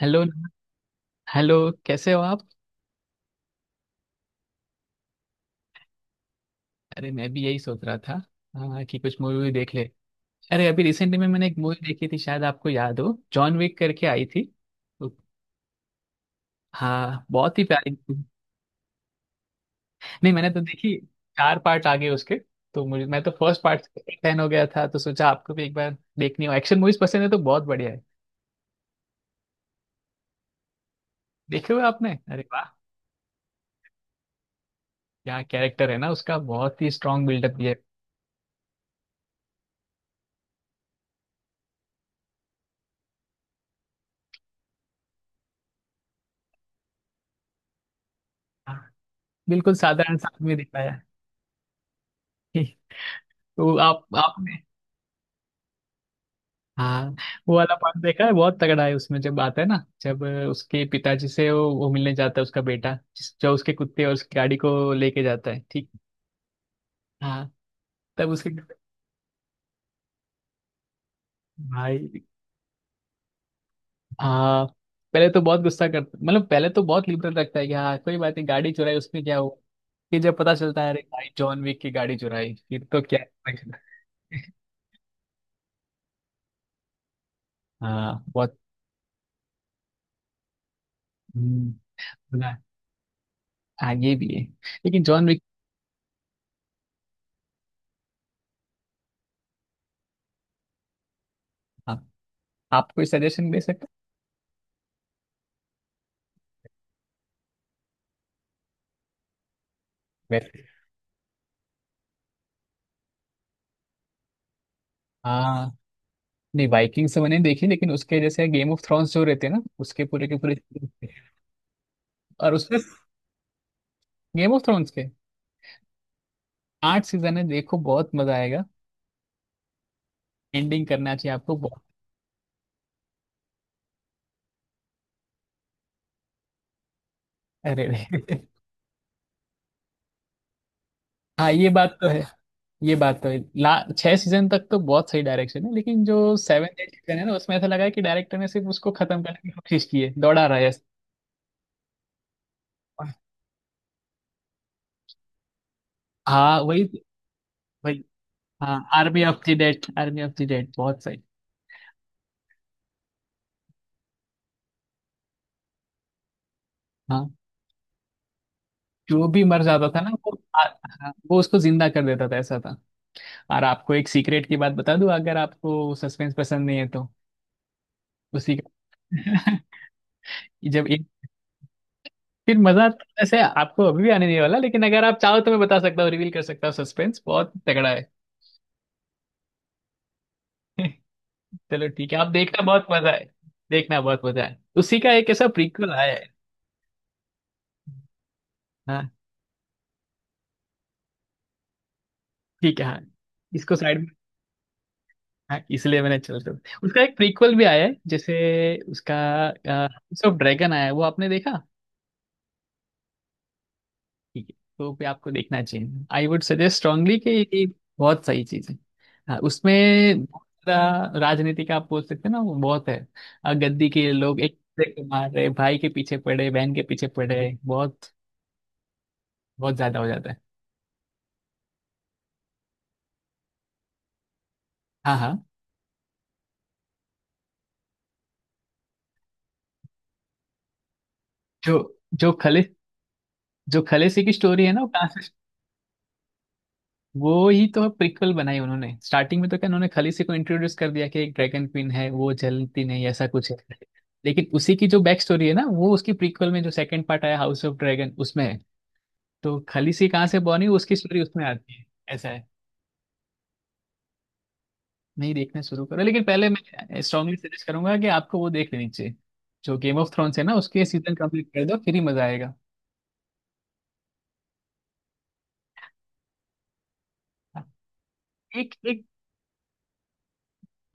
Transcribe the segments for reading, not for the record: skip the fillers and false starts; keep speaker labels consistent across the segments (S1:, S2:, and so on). S1: Hello. Hello, कैसे हो आप? अरे मैं भी यही सोच रहा था। हाँ, कि कुछ मूवी वूवी देख ले। अरे अभी रिसेंटली में मैंने एक मूवी देखी थी, शायद आपको याद हो, जॉन विक करके आई थी। तो, हाँ बहुत ही प्यारी थी। नहीं मैंने तो देखी चार पार्ट आगे उसके। तो मुझे मैं तो फर्स्ट पार्ट फैन हो गया था, तो सोचा आपको भी एक बार देखनी हो, एक्शन मूवीज पसंद है तो बहुत बढ़िया है। देखे हुए आपने? अरे वाह! क्या कैरेक्टर है ना उसका, बहुत ही स्ट्रांग बिल्डअप दिया है। हाँ, बिल्कुल साधारण सा आदमी दिखाया है। तो आप हाँ। वो वाला पार्ट देखा है, बहुत तगड़ा है उसमें जब आता है ना, जब उसके पिताजी से वो मिलने जाता है उसका बेटा जो उसके कुत्ते और उसकी गाड़ी को लेके जाता है, ठीक? हाँ, तब उसके भाई। हाँ, पहले तो बहुत गुस्सा करता, मतलब पहले तो बहुत लिबरल रखता है कि हाँ कोई बात नहीं, गाड़ी चुराई उसमें क्या हुआ। फिर जब पता चलता है अरे भाई जॉन विक की गाड़ी चुराई, फिर तो क्या! है। हाँ बहुत। हम्म, सुना है। हाँ ये भी है। लेकिन जॉन विक, आप, आप कोई सजेशन दे सकते हैं? वैसे हाँ। नहीं, वाइकिंग्स मैंने देखी, लेकिन उसके जैसे गेम ऑफ थ्रोन्स जो रहते हैं ना, उसके पूरे के पूरे। और उसमें गेम ऑफ थ्रोन्स के 8 सीजन है, देखो बहुत मजा आएगा। एंडिंग करना चाहिए आपको, बहुत। अरे रे! हाँ, ये बात तो है। ये बात तो है, ला 6 सीजन तक तो बहुत सही डायरेक्शन है, लेकिन जो 7 8 सीजन है ना, उसमें ऐसा लगा है कि डायरेक्टर ने सिर्फ उसको खत्म करने की कोशिश की है, दौड़ा रहा है ऐसे। हाँ, वही वही। हाँ, Army of the Dead, Army of the Dead, बहुत सही। हाँ, जो भी मर जाता था ना वो हाँ, वो उसको जिंदा कर देता था, ऐसा था। और आपको एक सीक्रेट की बात बता दूं, अगर आपको सस्पेंस पसंद नहीं है तो उसी का जब एक फिर मजा ऐसे आपको अभी भी आने नहीं वाला, लेकिन अगर आप चाहो तो मैं बता सकता हूँ, रिवील कर सकता हूँ, सस्पेंस बहुत तगड़ा है। चलो ठीक है, आप देखना, बहुत मजा है। देखना, बहुत मजा है, उसी का एक ऐसा प्रीक्वल आया है। हाँ, ठीक है, हाँ। इसको साइड में। हाँ, इसलिए मैंने चल तो उसका एक प्रीक्वल भी आया है, जैसे उसका हाउस ऑफ ड्रैगन आया है, वो आपने देखा? ठीक है, तो भी आपको देखना चाहिए। आई वुड सजेस्ट स्ट्रांगली कि ये बहुत सही चीज है। हाँ, उसमें बहुत ज्यादा राजनीति का, आप बोल सकते हैं ना, वो बहुत है। गद्दी के लोग एक दूसरे को मार रहे, भाई के पीछे पड़े, बहन के पीछे पड़े, बहुत बहुत ज्यादा हो जाता है। हाँ हाँ। जो जो खले जो खलेसी की स्टोरी है ना, वो कहाँ से, वो ही तो प्रिक्वल बनाई उन्होंने। स्टार्टिंग में तो क्या उन्होंने खाली से को इंट्रोड्यूस कर दिया कि एक ड्रैगन क्वीन है, वो जलती नहीं, ऐसा कुछ है। लेकिन उसी की जो बैक स्टोरी है ना, वो उसकी प्रीक्वल में जो सेकंड पार्ट आया हाउस ऑफ ड्रैगन, उसमें है। तो खलीसी कहाँ से बनी, उसकी स्टोरी उसमें आती है, ऐसा है। नहीं, देखना शुरू करो, लेकिन पहले मैं स्ट्रांगली सजेस्ट करूंगा कि आपको वो देख लेनी चाहिए। जो गेम ऑफ थ्रोन्स है ना, उसके सीजन कंप्लीट कर दो फिर ही मजा आएगा। एक एक।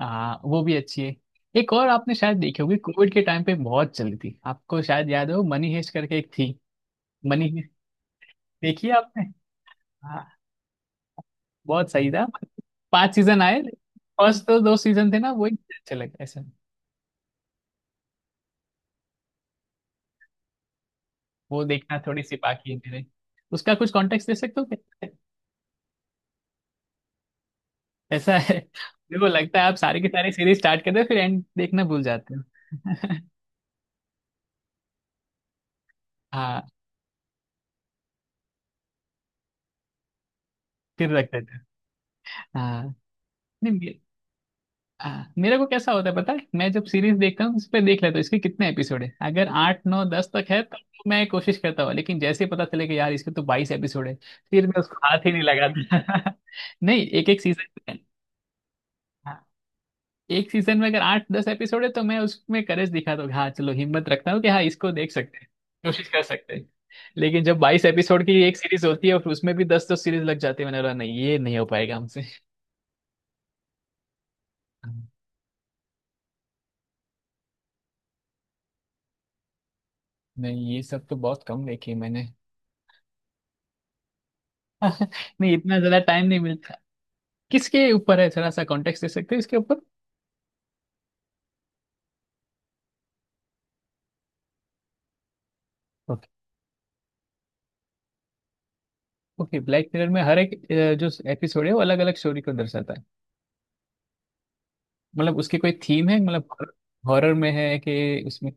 S1: हाँ वो भी अच्छी है। एक और आपने शायद देखी होगी, कोविड के टाइम पे बहुत चली थी, आपको शायद याद हो, मनी हेस्ट करके एक थी। मनी हेस्ट देखी है आपने? हाँ, बहुत सही था। 5 सीजन आए। फर्स्ट तो 2 सीजन थे ना, वो ही अच्छे लगे, ऐसा। वो देखना थोड़ी सी बाकी है मेरे। उसका कुछ कॉन्टेक्स्ट दे सकते हो क्या? ऐसा है, मेरे को लगता है आप सारी की सारी सीरीज स्टार्ट करते हो फिर एंड देखना भूल जाते हो। हाँ, फिर रख देते हो। हाँ, नहीं। हाँ, मेरे को कैसा होता है पता है, मैं जब सीरीज देखता हूँ उस पर देख लेता हूँ इसके कितने एपिसोड है। अगर 8 9 10 तक है तब तो मैं कोशिश करता हूँ, लेकिन जैसे ही पता चले कि यार इसके तो 22 एपिसोड है, फिर मैं उसको हाथ ही नहीं लगाता। नहीं, एक एक सीजन। हाँ, एक सीजन में अगर 8 10 एपिसोड है तो मैं उसमें करेज दिखाता हूँ, कि हाँ चलो हिम्मत रखता हूँ कि हाँ इसको देख सकते हैं, कोशिश कर सकते हैं। लेकिन जब 22 एपिसोड की एक सीरीज होती है, और उसमें भी दस दस सीरीज लग जाती है, मैंने बोला नहीं, ये नहीं हो पाएगा हमसे। हाँ, नहीं, ये सब तो बहुत कम देखी है मैंने। नहीं, इतना ज्यादा टाइम नहीं मिलता। किसके ऊपर है, थोड़ा सा कॉन्टेक्स्ट दे सकते हैं इसके ऊपर? ओके। ओके, ब्लैक मिरर में हर एक जो एपिसोड है वो अलग अलग स्टोरी को दर्शाता है। मतलब उसकी कोई थीम है, मतलब हॉरर में है कि उसमें?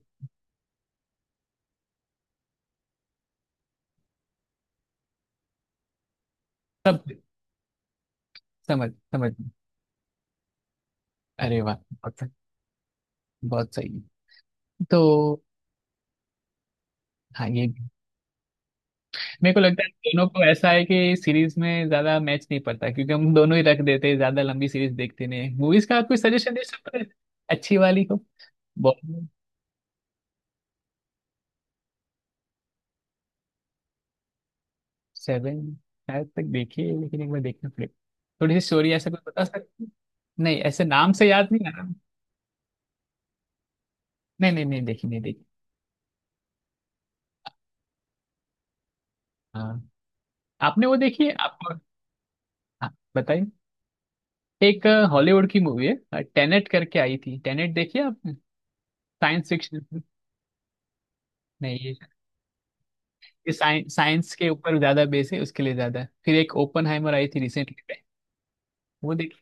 S1: सब समझ, समझ। अरे वाह, बहुत बहुत सही है। तो हाँ, ये भी, मेरे को लगता है दोनों को ऐसा है कि सीरीज में ज्यादा मैच नहीं पड़ता, क्योंकि हम दोनों ही रख देते हैं, ज्यादा लंबी सीरीज देखते नहीं। मूवीज का आप कोई सजेशन दे सकते हैं, अच्छी वाली को? सेवन शायद तक देखी है, लेकिन एक बार देखना पड़ेगा। थोड़ी सी स्टोरी ऐसा कुछ बता सकते हैं? नहीं, ऐसे नाम से याद नहीं आ रहा। नहीं नहीं नहीं, देखी, नहीं देखी। हाँ। आपने वो देखी है, आपको? हाँ, बताइए। एक हॉलीवुड की मूवी है, टेनेट करके आई थी। टेनेट देखी है आपने? Science fiction. नहीं, ये ये साइंस साइंस के ऊपर ज्यादा बेस है, उसके लिए ज्यादा है। फिर एक ओपनहाइमर आई थी रिसेंटली पे, वो देखी?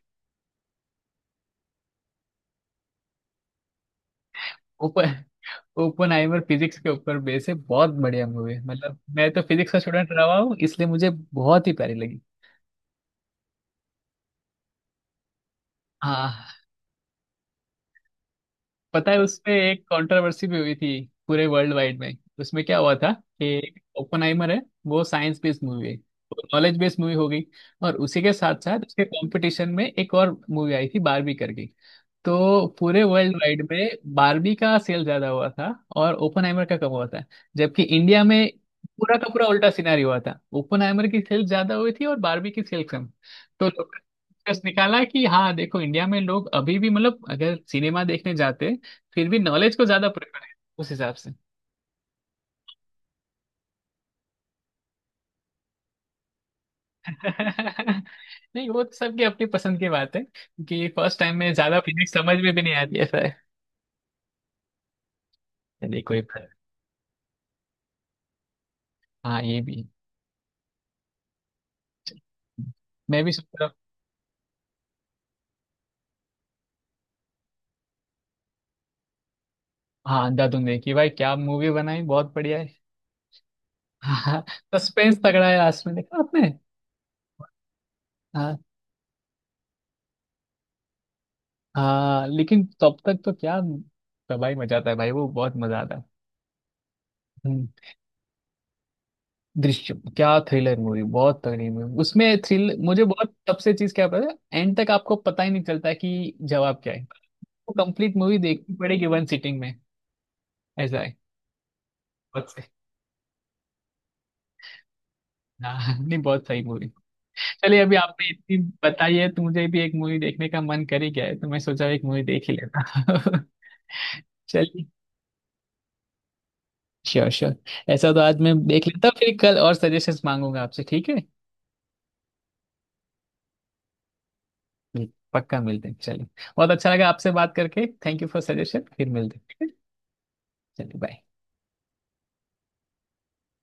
S1: ओपन, ओपनहाइमर फिजिक्स के ऊपर बेस है, बहुत बढ़िया मूवी है, मतलब मैं तो फिजिक्स का स्टूडेंट रहा हूँ इसलिए मुझे बहुत ही प्यारी लगी। हाँ, पता है उसपे एक कंट्रोवर्सी भी हुई थी, पूरे वर्ल्ड वाइड में। उसमें क्या हुआ था कि ओपेनहाइमर है, वो साइंस बेस्ड मूवी है, नॉलेज बेस्ड मूवी हो गई। और उसी के साथ साथ उसके कंपटीशन में एक और मूवी आई थी, बारबी करके। तो पूरे वर्ल्ड वाइड में बारबी का सेल ज्यादा हुआ था और ओपनहाइमर का कम हुआ था, जबकि इंडिया में पूरा का पूरा उल्टा सिनारी हुआ था, ओपनहाइमर की सेल ज्यादा हुई थी और बारबी की सेल कम। तो लोगों ने निष्कर्ष निकाला कि हाँ देखो इंडिया में लोग अभी भी, मतलब अगर सिनेमा देखने जाते फिर भी नॉलेज को ज्यादा प्रेफर है, उस हिसाब से। नहीं, वो तो सबकी अपनी पसंद की बात है, कि फर्स्ट टाइम में ज्यादा फीलिंग समझ में भी नहीं आती, ऐसा है। चलिए, कोई बात नहीं। हाँ, ये भी मैं भी सोच रहा। हाँ, अंधा तुम देखी भाई, क्या मूवी बनाई, बहुत बढ़िया है। हाँ, सस्पेंस तगड़ा है, लास्ट में देखा आपने? हाँ। हाँ लेकिन तब तक तो क्या, तबाही मचाता है भाई वो, बहुत मजा आता है। हम्म, दृश्यम, क्या थ्रिलर मूवी, बहुत तगड़ी मूवी, उसमें थ्रिल मुझे बहुत। सबसे चीज क्या पता है, एंड तक आपको पता ही नहीं चलता है कि जवाब क्या है, आपको कंप्लीट मूवी देखनी पड़ेगी वन सिटिंग में, ऐसा है। बहुत सही। हाँ, नहीं, बहुत सही मूवी। चलिए, अभी आपने इतनी बताई है तो मुझे भी एक मूवी देखने का मन कर ही गया है, तो मैं सोचा एक मूवी देख ही लेता। चलिए। Sure sure. ऐसा तो आज मैं देख लेता हूँ, फिर कल और सजेशंस मांगूंगा आपसे, ठीक है? जी, पक्का मिलते हैं, चलिए। बहुत अच्छा लगा आपसे बात करके, थैंक यू फॉर सजेशन, फिर मिलते हैं, ठीक है? चलिए, बाय।